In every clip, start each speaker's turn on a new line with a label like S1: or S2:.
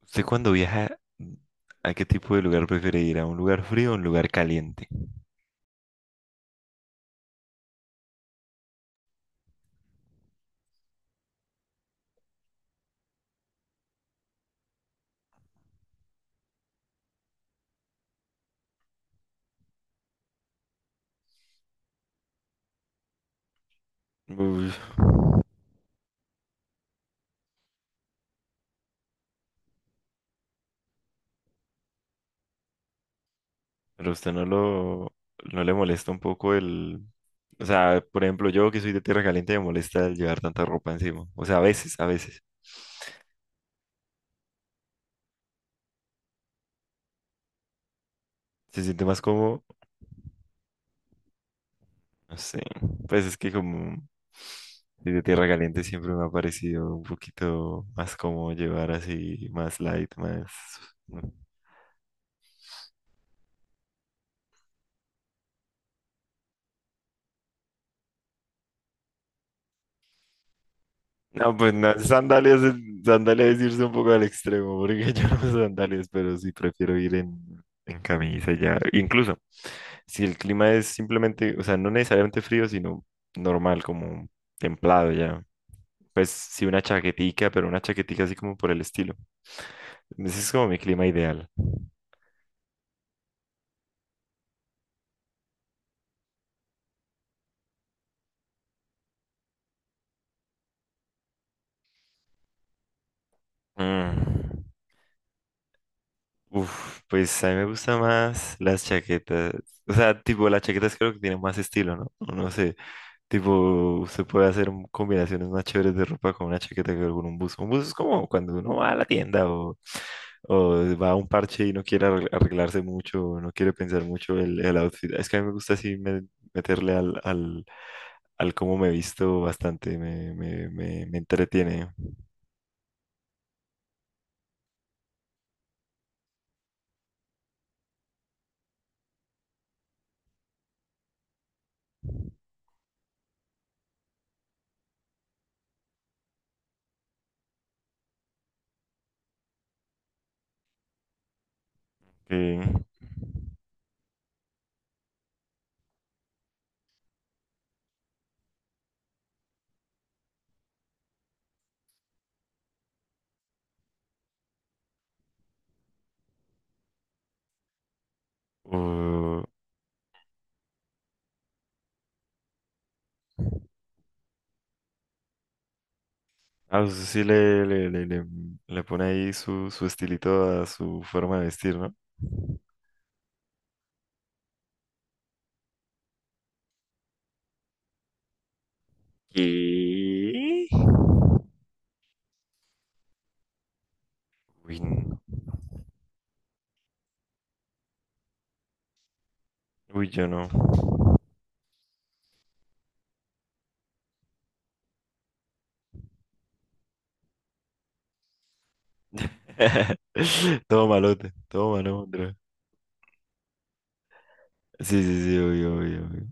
S1: ¿Usted cuando viaja, a qué tipo de lugar prefiere ir? ¿A un lugar frío o un lugar caliente? Uy, pero usted no no le molesta un poco el... O sea, por ejemplo, yo que soy de tierra caliente me molesta el llevar tanta ropa encima. O sea, a veces. Se siente más cómodo, no sé. Pues es que como soy de tierra caliente siempre me ha parecido un poquito más cómodo llevar así, más light, más... ¿No? No, pues no, sandalias es irse un poco al extremo, porque yo no uso sandalias, pero sí prefiero ir en camisa ya. Incluso si el clima es simplemente, o sea, no necesariamente frío, sino normal, como templado ya. Pues sí una chaquetica, pero una chaquetica así como por el estilo. Ese es como mi clima ideal. Mm, Uf, pues a mí me gusta más las chaquetas. O sea, tipo, las chaquetas creo que tienen más estilo, ¿no? No sé. Tipo, usted puede hacer combinaciones más chéveres de ropa con una chaqueta que con un buzo. Un buzo es como cuando uno va a la tienda o va a un parche y no quiere arreglarse mucho, o no quiere pensar mucho el outfit. Es que a mí me gusta así meterle al cómo me visto bastante, me entretiene. Eh, o- Usted sí le pone ahí su estilito a su forma de vestir, ¿no? ¿Qué? Uy, n- Uy, yo no. Todo malote, todo malandro. Sí, sí, sí, obvio, obvio, obvio.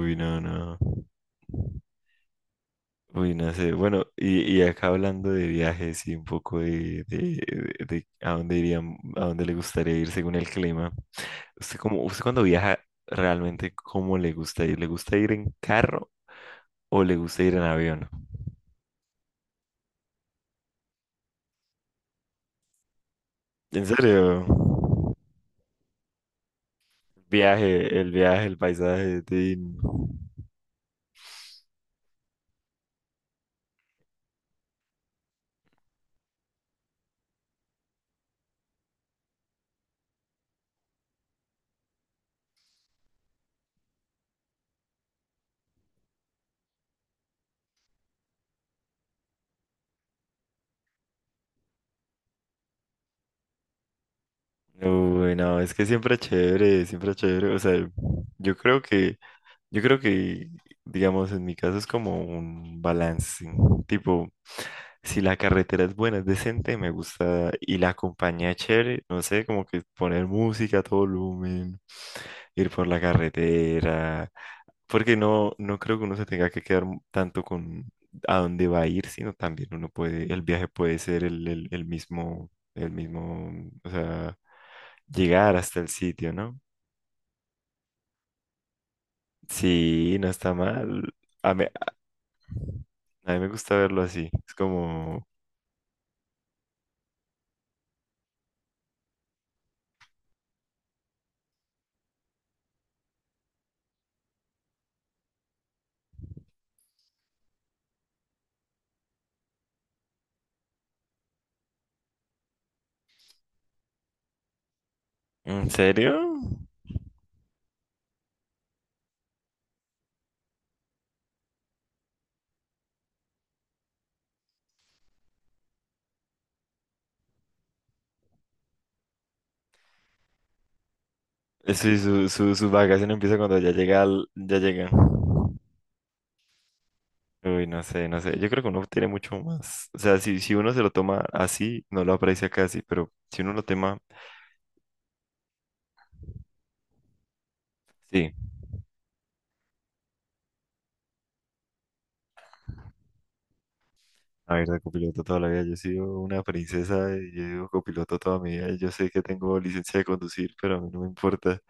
S1: Uy, no, no. Uy, no sé. Bueno, y acá hablando de viajes y un poco de a dónde irían, a dónde le gustaría ir según el clima. ¿Usted cómo, usted cuando viaja realmente cómo le gusta ir? ¿Le gusta ir en carro o le gusta ir en avión? ¿En serio? Viaje, el paisaje, tin. Uy, no, es que siempre chévere, siempre chévere. O sea, yo creo que, yo creo que, digamos, en mi caso es como un balance. Tipo, si la carretera es buena, es decente, me gusta, y la compañía es chévere, no sé, como que poner música a todo volumen, ir por la carretera, porque no creo que uno se tenga que quedar tanto con a dónde va a ir, sino también uno puede, el viaje puede ser el mismo, el mismo, o sea llegar hasta el sitio, ¿no? Sí, no está mal. A mí, a mí me gusta verlo así. Es como, ¿en serio? Sí, su vacación empieza cuando ya llega, ya llega. Uy, no sé, no sé. Yo creo que uno tiene mucho más. O sea, si uno se lo toma así, no lo aprecia casi, pero si uno lo toma, sí. A ver, de copiloto toda la vida. Yo he sido una princesa y yo he sido copiloto toda mi vida. Yo sé que tengo licencia de conducir, pero a mí no me importa.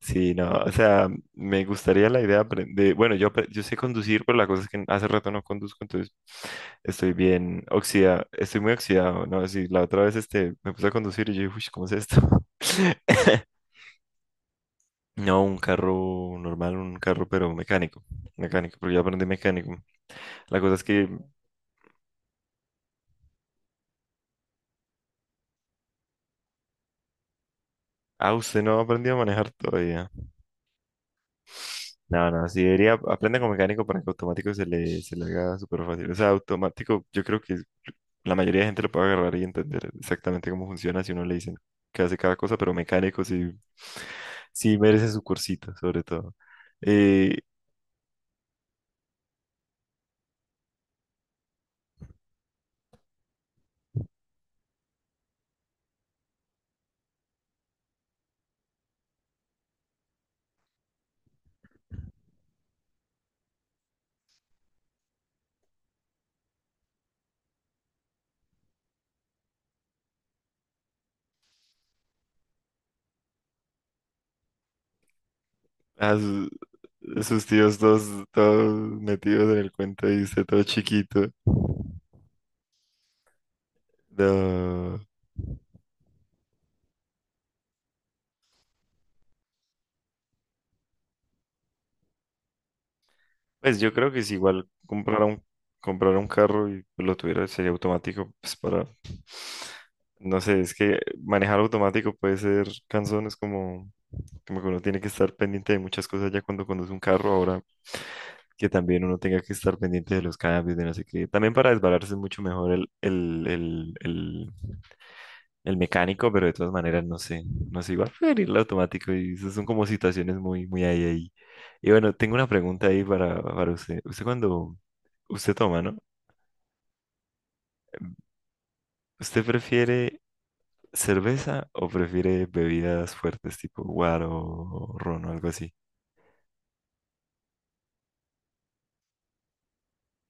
S1: Sí, no, o sea, me gustaría la idea apren- de Bueno, yo sé conducir, pero la cosa es que hace rato no conduzco, entonces estoy bien oxidado, estoy muy oxidado, ¿no? Sí, la otra vez este, me puse a conducir y yo dije, uy, ¿cómo es esto? No, un carro normal, un carro, pero mecánico, mecánico, porque yo aprendí mecánico. La cosa es que, ah, usted no ha aprendido a manejar todavía. No, no, sí debería aprender con mecánico para que automático se le haga súper fácil. O sea, automático, yo creo que la mayoría de gente lo puede agarrar y entender exactamente cómo funciona si uno le dicen que hace cada cosa, pero mecánico sí, sí merece su cursito, sobre todo. Eh, a su- Sus todos metidos en el cuento y usted todo chiquito. No. Pues yo creo que si igual comprara un carro y lo tuviera, sería automático pues, para no sé, es que manejar automático puede ser cansón, es como, como que uno tiene que estar pendiente de muchas cosas ya cuando conduce un carro, ahora que también uno tenga que estar pendiente de los cambios, de no sé qué. También para desbalarse es mucho mejor el mecánico, pero de todas maneras no sé, no sé, igual preferir el automático y esas son como situaciones muy, muy ahí, ahí. Y bueno, tengo una pregunta ahí para usted. Usted cuando, usted toma, ¿no? ¿Usted prefiere cerveza o prefiere bebidas fuertes tipo guaro o ron o algo así?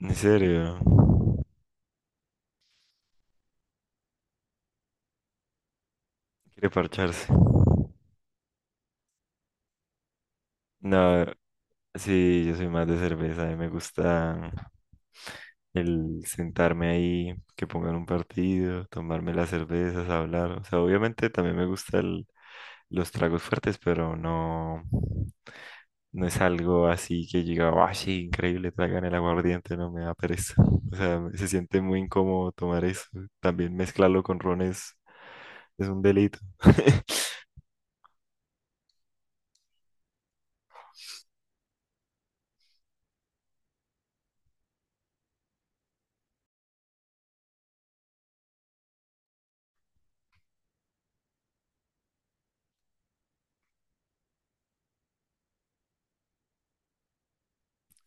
S1: ¿En serio? ¿Quiere parcharse? No, sí, yo soy más de cerveza. A mí me gusta el sentarme ahí, que pongan un partido, tomarme las cervezas, hablar. O sea, obviamente también me gustan los tragos fuertes, pero no. No es algo así que llega, ¡ay, sí, increíble! Traigan el aguardiente, no me da pereza. O sea, se siente muy incómodo tomar eso. También mezclarlo con ron es un delito.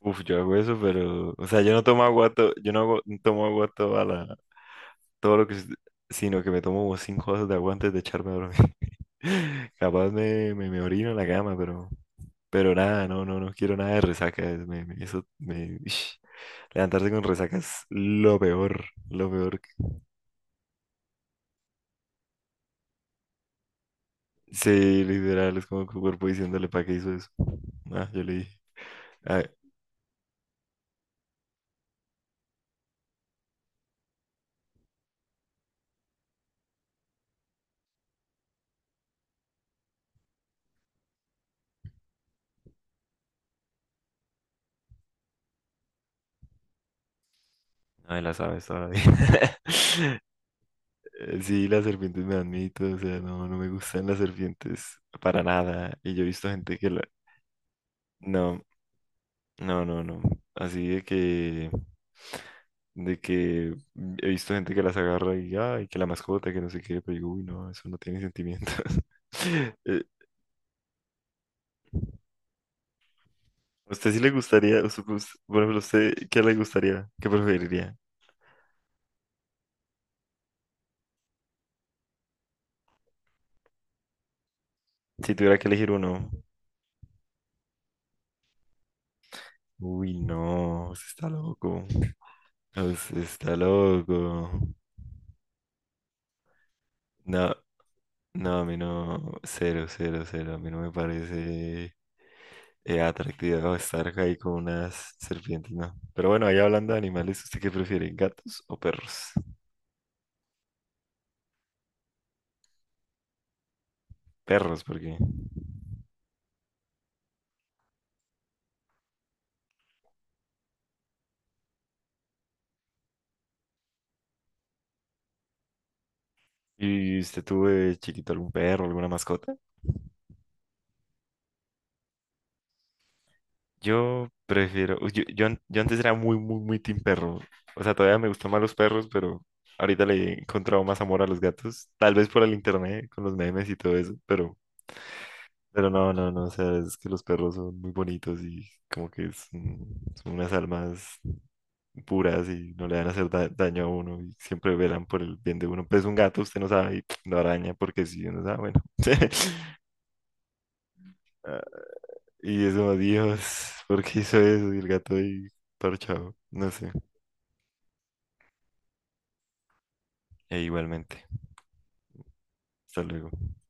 S1: Uf, yo hago eso, pero, o sea, yo no tomo agua, to- yo no hago- no tomo agua toda la, todo lo que, sino que me tomo como 5 vasos de agua antes de echarme a dormir. Capaz me orino en la cama, pero nada, no, no, no quiero nada de resaca. Levantarse con resaca es lo peor, lo peor. Sí, literal, es como que tu cuerpo diciéndole para qué hizo eso. Ah, yo le dije. Ay, ay, las aves todavía. Sí, las serpientes me dan miedo, o sea, no, no me gustan las serpientes para nada. Y yo he visto gente que la... No, no, no, no. Así de que... De que he visto gente que las agarra y, ay, que la mascota, que no sé qué, pero digo, uy, no, eso no tiene sentimientos. Eh, ¿a usted sí le gustaría, o sea, pues, por ejemplo, a usted qué le gustaría, qué preferiría? Si tuviera que elegir uno. Uy, no, usted está loco. Usted está loco. No, no, a mí no. Cero, cero, cero. A mí no me parece atractivo estar ahí con unas serpientes, no. Pero bueno, ahí hablando de animales, ¿usted qué prefiere? ¿Gatos o perros? Perros, porque. ¿Y usted tuvo de chiquito algún perro, alguna mascota? Yo prefiero, yo, an- Yo antes era muy, muy, muy team perro. O sea, todavía me gustan más los perros, pero ahorita le he encontrado más amor a los gatos. Tal vez por el internet, con los memes y todo eso, pero no, no, no. O sea, es que los perros son muy bonitos y como que son, son unas almas puras y no le van a hacer daño a uno y siempre velan por el bien de uno. Pues un gato, usted no sabe, y lo araña porque si uno sabe, bueno. Ah, y eso, Dios, ¿por qué hizo eso? Y el gato ahí parchado, no sé. E igualmente. Hasta luego.